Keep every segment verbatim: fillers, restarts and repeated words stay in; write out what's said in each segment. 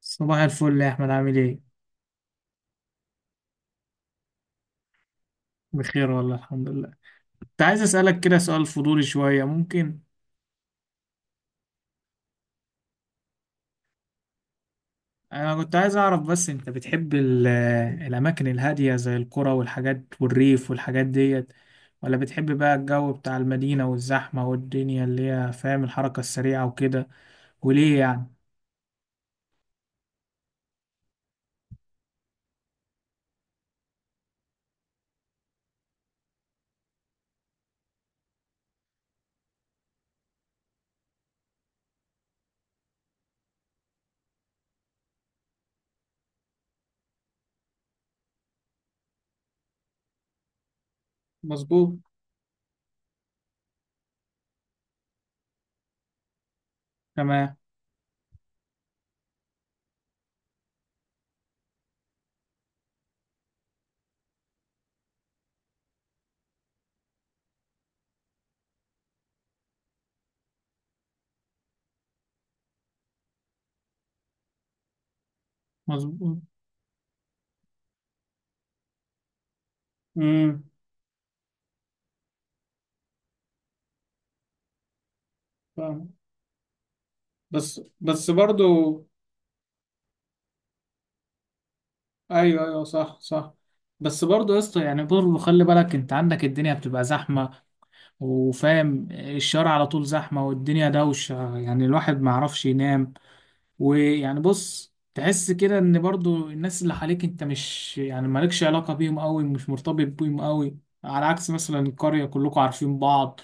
صباح الفل يا احمد، عامل ايه؟ بخير والله، الحمد لله. كنت عايز اسالك كده سؤال فضولي شويه، ممكن؟ انا كنت عايز اعرف بس، انت بتحب ال- آه، الاماكن الهاديه زي القرى والحاجات والريف والحاجات ديت، ولا بتحب بقى الجو بتاع المدينه والزحمه والدنيا اللي هي فاهم، الحركه السريعه وكده؟ وليه يعني؟ مظبوط. تمام. مظبوط. امم. فاهم. بس بس برضو. ايوه، ايوه، صح، صح. بس برضو يا اسطى، يعني برضو خلي بالك، انت عندك الدنيا بتبقى زحمه، وفاهم الشارع على طول زحمة والدنيا دوشة، يعني الواحد ما يعرفش ينام. ويعني بص، تحس كده ان برضو الناس اللي حواليك، انت مش يعني مالكش علاقة بيهم قوي، مش مرتبط بيهم قوي، على عكس مثلا القرية كلكم عارفين بعض.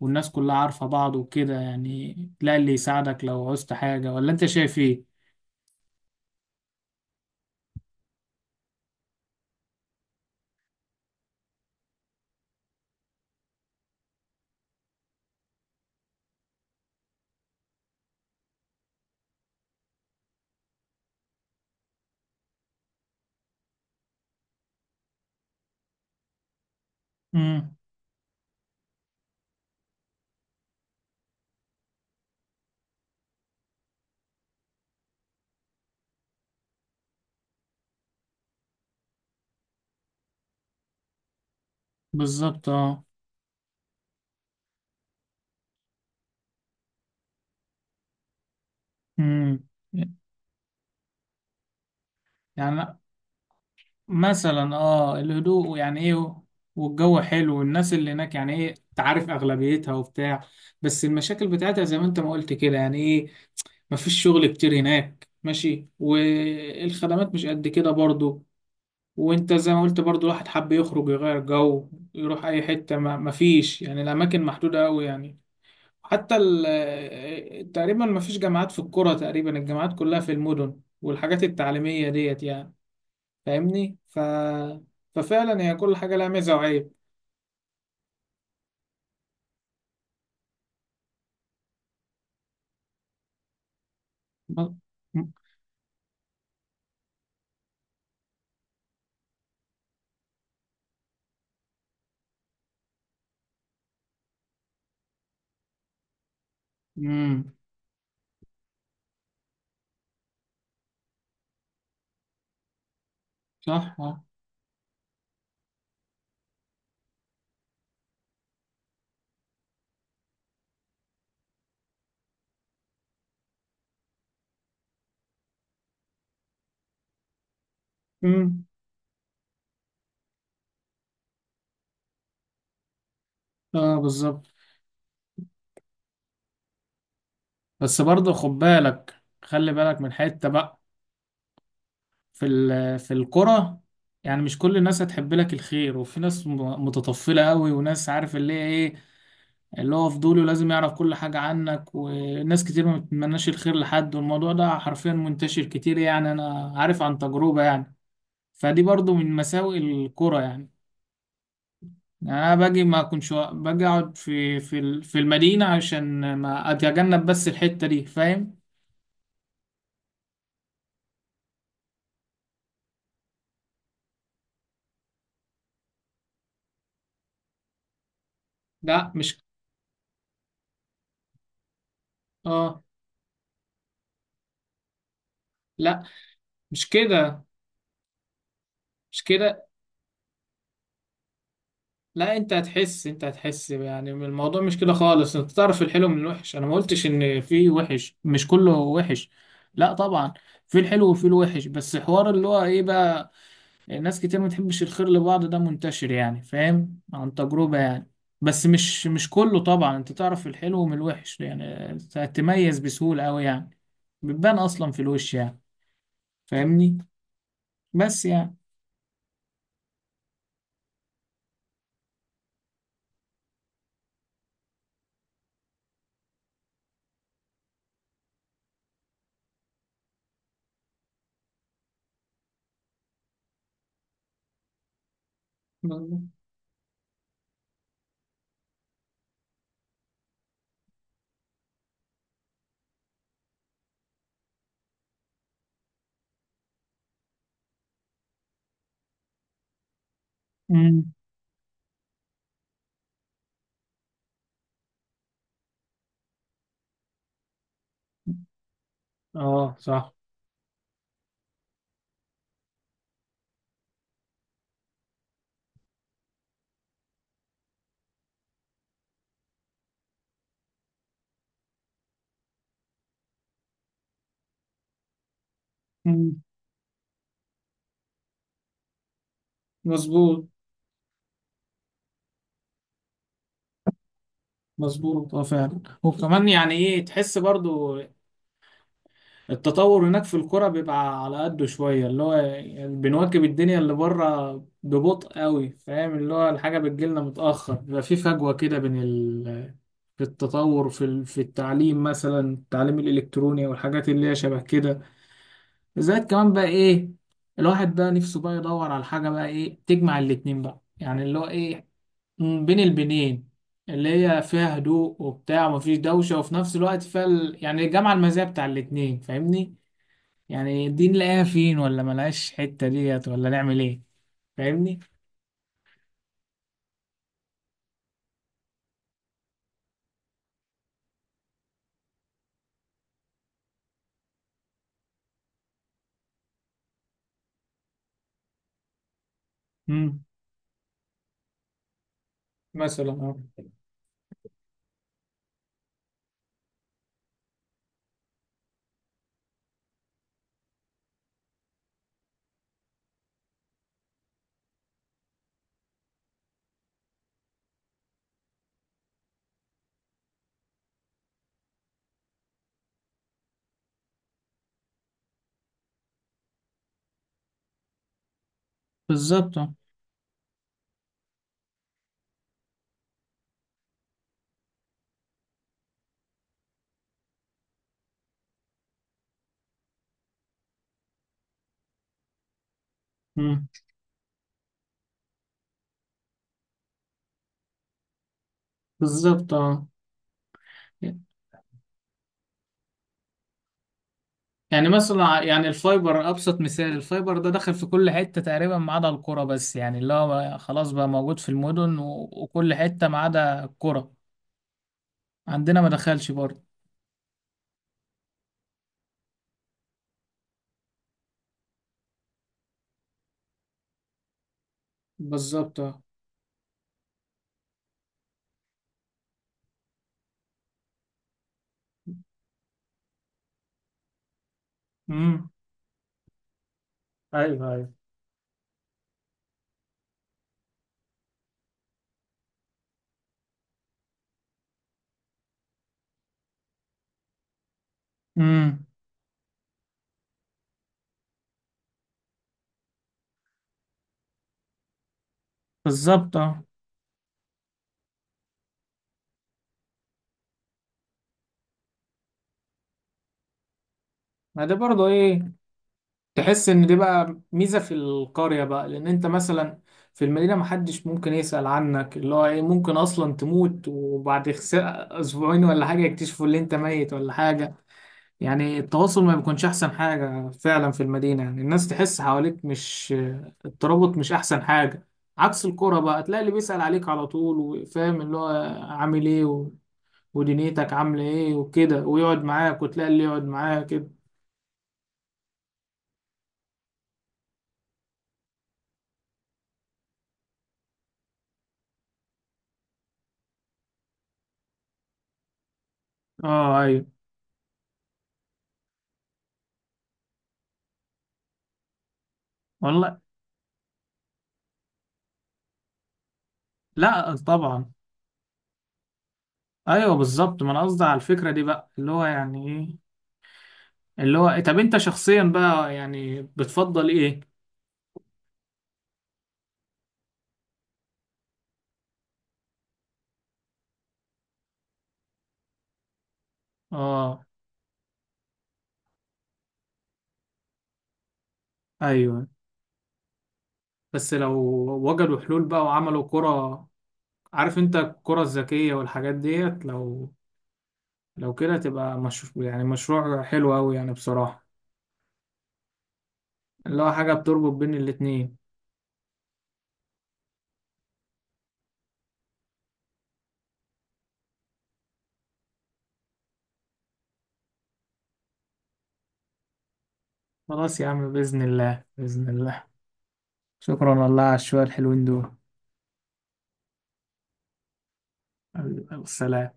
والناس كلها عارفة بعض وكده، يعني تلاقي اللي يساعدك لو عوزت حاجة، ولا انت شايف ايه؟ امم. بالظبط، اه. امم. يعني مثلا اه الهدوء يعني ايه، والجو حلو، والناس اللي هناك يعني ايه تعرف اغلبيتها وبتاع. بس المشاكل بتاعتها زي ما انت ما قلت كده، يعني ايه، مفيش شغل كتير هناك، ماشي، والخدمات مش قد كده برضو. وانت زي ما قلت برضو، الواحد حب يخرج يغير جو، يروح اي حتة، ما مفيش يعني، الاماكن محدودة قوي يعني. حتى ال- تقريبا مفيش جامعات في القرى، تقريبا الجامعات كلها في المدن، والحاجات التعليمية ديت يعني، فاهمني. ف... ففعلا هي كل حاجة لها ميزة وعيب. امم. صح، اه. امم. اه، بالظبط. بس برضه خد بالك، خلي بالك من حتة بقى في ال... في الكرة. يعني مش كل الناس هتحب لك الخير، وفي ناس م- متطفلة قوي، وناس عارف اللي هي ايه، اللي هو فضوله لازم يعرف كل حاجة عنك. وناس كتير ما بتتمناش الخير لحد، والموضوع ده حرفيا منتشر كتير، يعني انا عارف عن تجربة يعني. فدي برضه من مساوئ الكرة يعني. يعني انا باجي ما اكونش وا- باجي اقعد في في ال- في المدينه، عشان ما اتجنب بس الحته دي، فاهم. لا مش، اه، لا مش كده، مش كده. لا، انت هتحس، انت هتحس يعني من الموضوع، مش كده خالص، انت تعرف الحلو من الوحش، انا ما قلتش ان في وحش، مش كله وحش. لا طبعا. في الحلو وفي الوحش، بس حوار اللي هو ايه بقى، يعني ناس كتير ما تحبش الخير لبعض، ده منتشر يعني، فاهم، عن تجربة يعني. بس مش مش كله طبعا، انت تعرف الحلو من الوحش يعني، تميز بسهولة أوي يعني، بتبان أصلا في الوش يعني. فاهمني. بس يعني. امم. اه، صح. امم. مظبوط. مظبوط، اه، فعلا. وكمان يعني ايه، تحس برضو التطور هناك في الكرة بيبقى على قده شوية، اللي هو يعني بنواكب الدنيا اللي بره ببطء قوي، فاهم، اللي هو الحاجة بتجيلنا متأخر، بيبقى في فجوة كده بين ال... في التطور في ال- في التعليم مثلا، التعليم الإلكتروني والحاجات اللي هي شبه كده. زائد كمان بقى إيه، الواحد بقى نفسه بقى يدور على حاجة بقى إيه تجمع الاتنين بقى، يعني اللي هو إيه، م- بين البنين، اللي هي فيها هدوء وبتاع، ومفيش دوشة، وفي نفس الوقت فيها ال... يعني جمع المزايا بتاع الاتنين، فاهمني. يعني دي نلاقيها فين، ولا ملهاش حتة ديت، ولا نعمل ايه؟ فاهمني. امم. مثلا اه. بالظبط، اه. امم. بالظبط، اه. يعني مثلا، يعني الفايبر ابسط مثال، الفايبر ده دخل في كل حتة تقريبا ما عدا القرى، بس يعني اللي هو خلاص بقى موجود في المدن و- وكل حتة ما عدا القرى، عندنا ما دخلش برضه. بالظبط، اه. امم. ايوه، ايوه. امم. بالظبط، اه. ما ده برضه ايه، تحس ان دي بقى ميزه في القريه بقى، لان انت مثلا في المدينه محدش ممكن يسال عنك، اللي هو ايه، ممكن اصلا تموت وبعد خس- اسبوعين ولا حاجه يكتشفوا ان انت ميت ولا حاجه. يعني التواصل ما بيكونش احسن حاجه فعلا في المدينه، يعني الناس تحس حواليك مش، الترابط مش احسن حاجه. عكس القرى بقى، تلاقي اللي بيسال عليك على طول، وفاهم اللي هو عامل ايه و- ودنيتك عامله ايه وكده، ويقعد معاك، وتلاقي اللي يقعد معاك كده. اه، ايوه. والله. لا طبعا. ايوه بالظبط، ما انا قصدي على الفكره دي بقى، اللي هو يعني ايه، اللي هو إيه؟ طب انت شخصيا بقى يعني بتفضل ايه؟ اه، ايوه. بس لو وجدوا حلول بقى وعملوا كرة، عارف انت الكرة الذكيه والحاجات ديت، لو لو كده تبقى مش يعني مشروع حلو قوي يعني بصراحه، اللي هو حاجه بتربط بين الاتنين. خلاص يا عم، باذن الله، باذن الله. شكرا والله على الشويه الحلوين دول. السلام.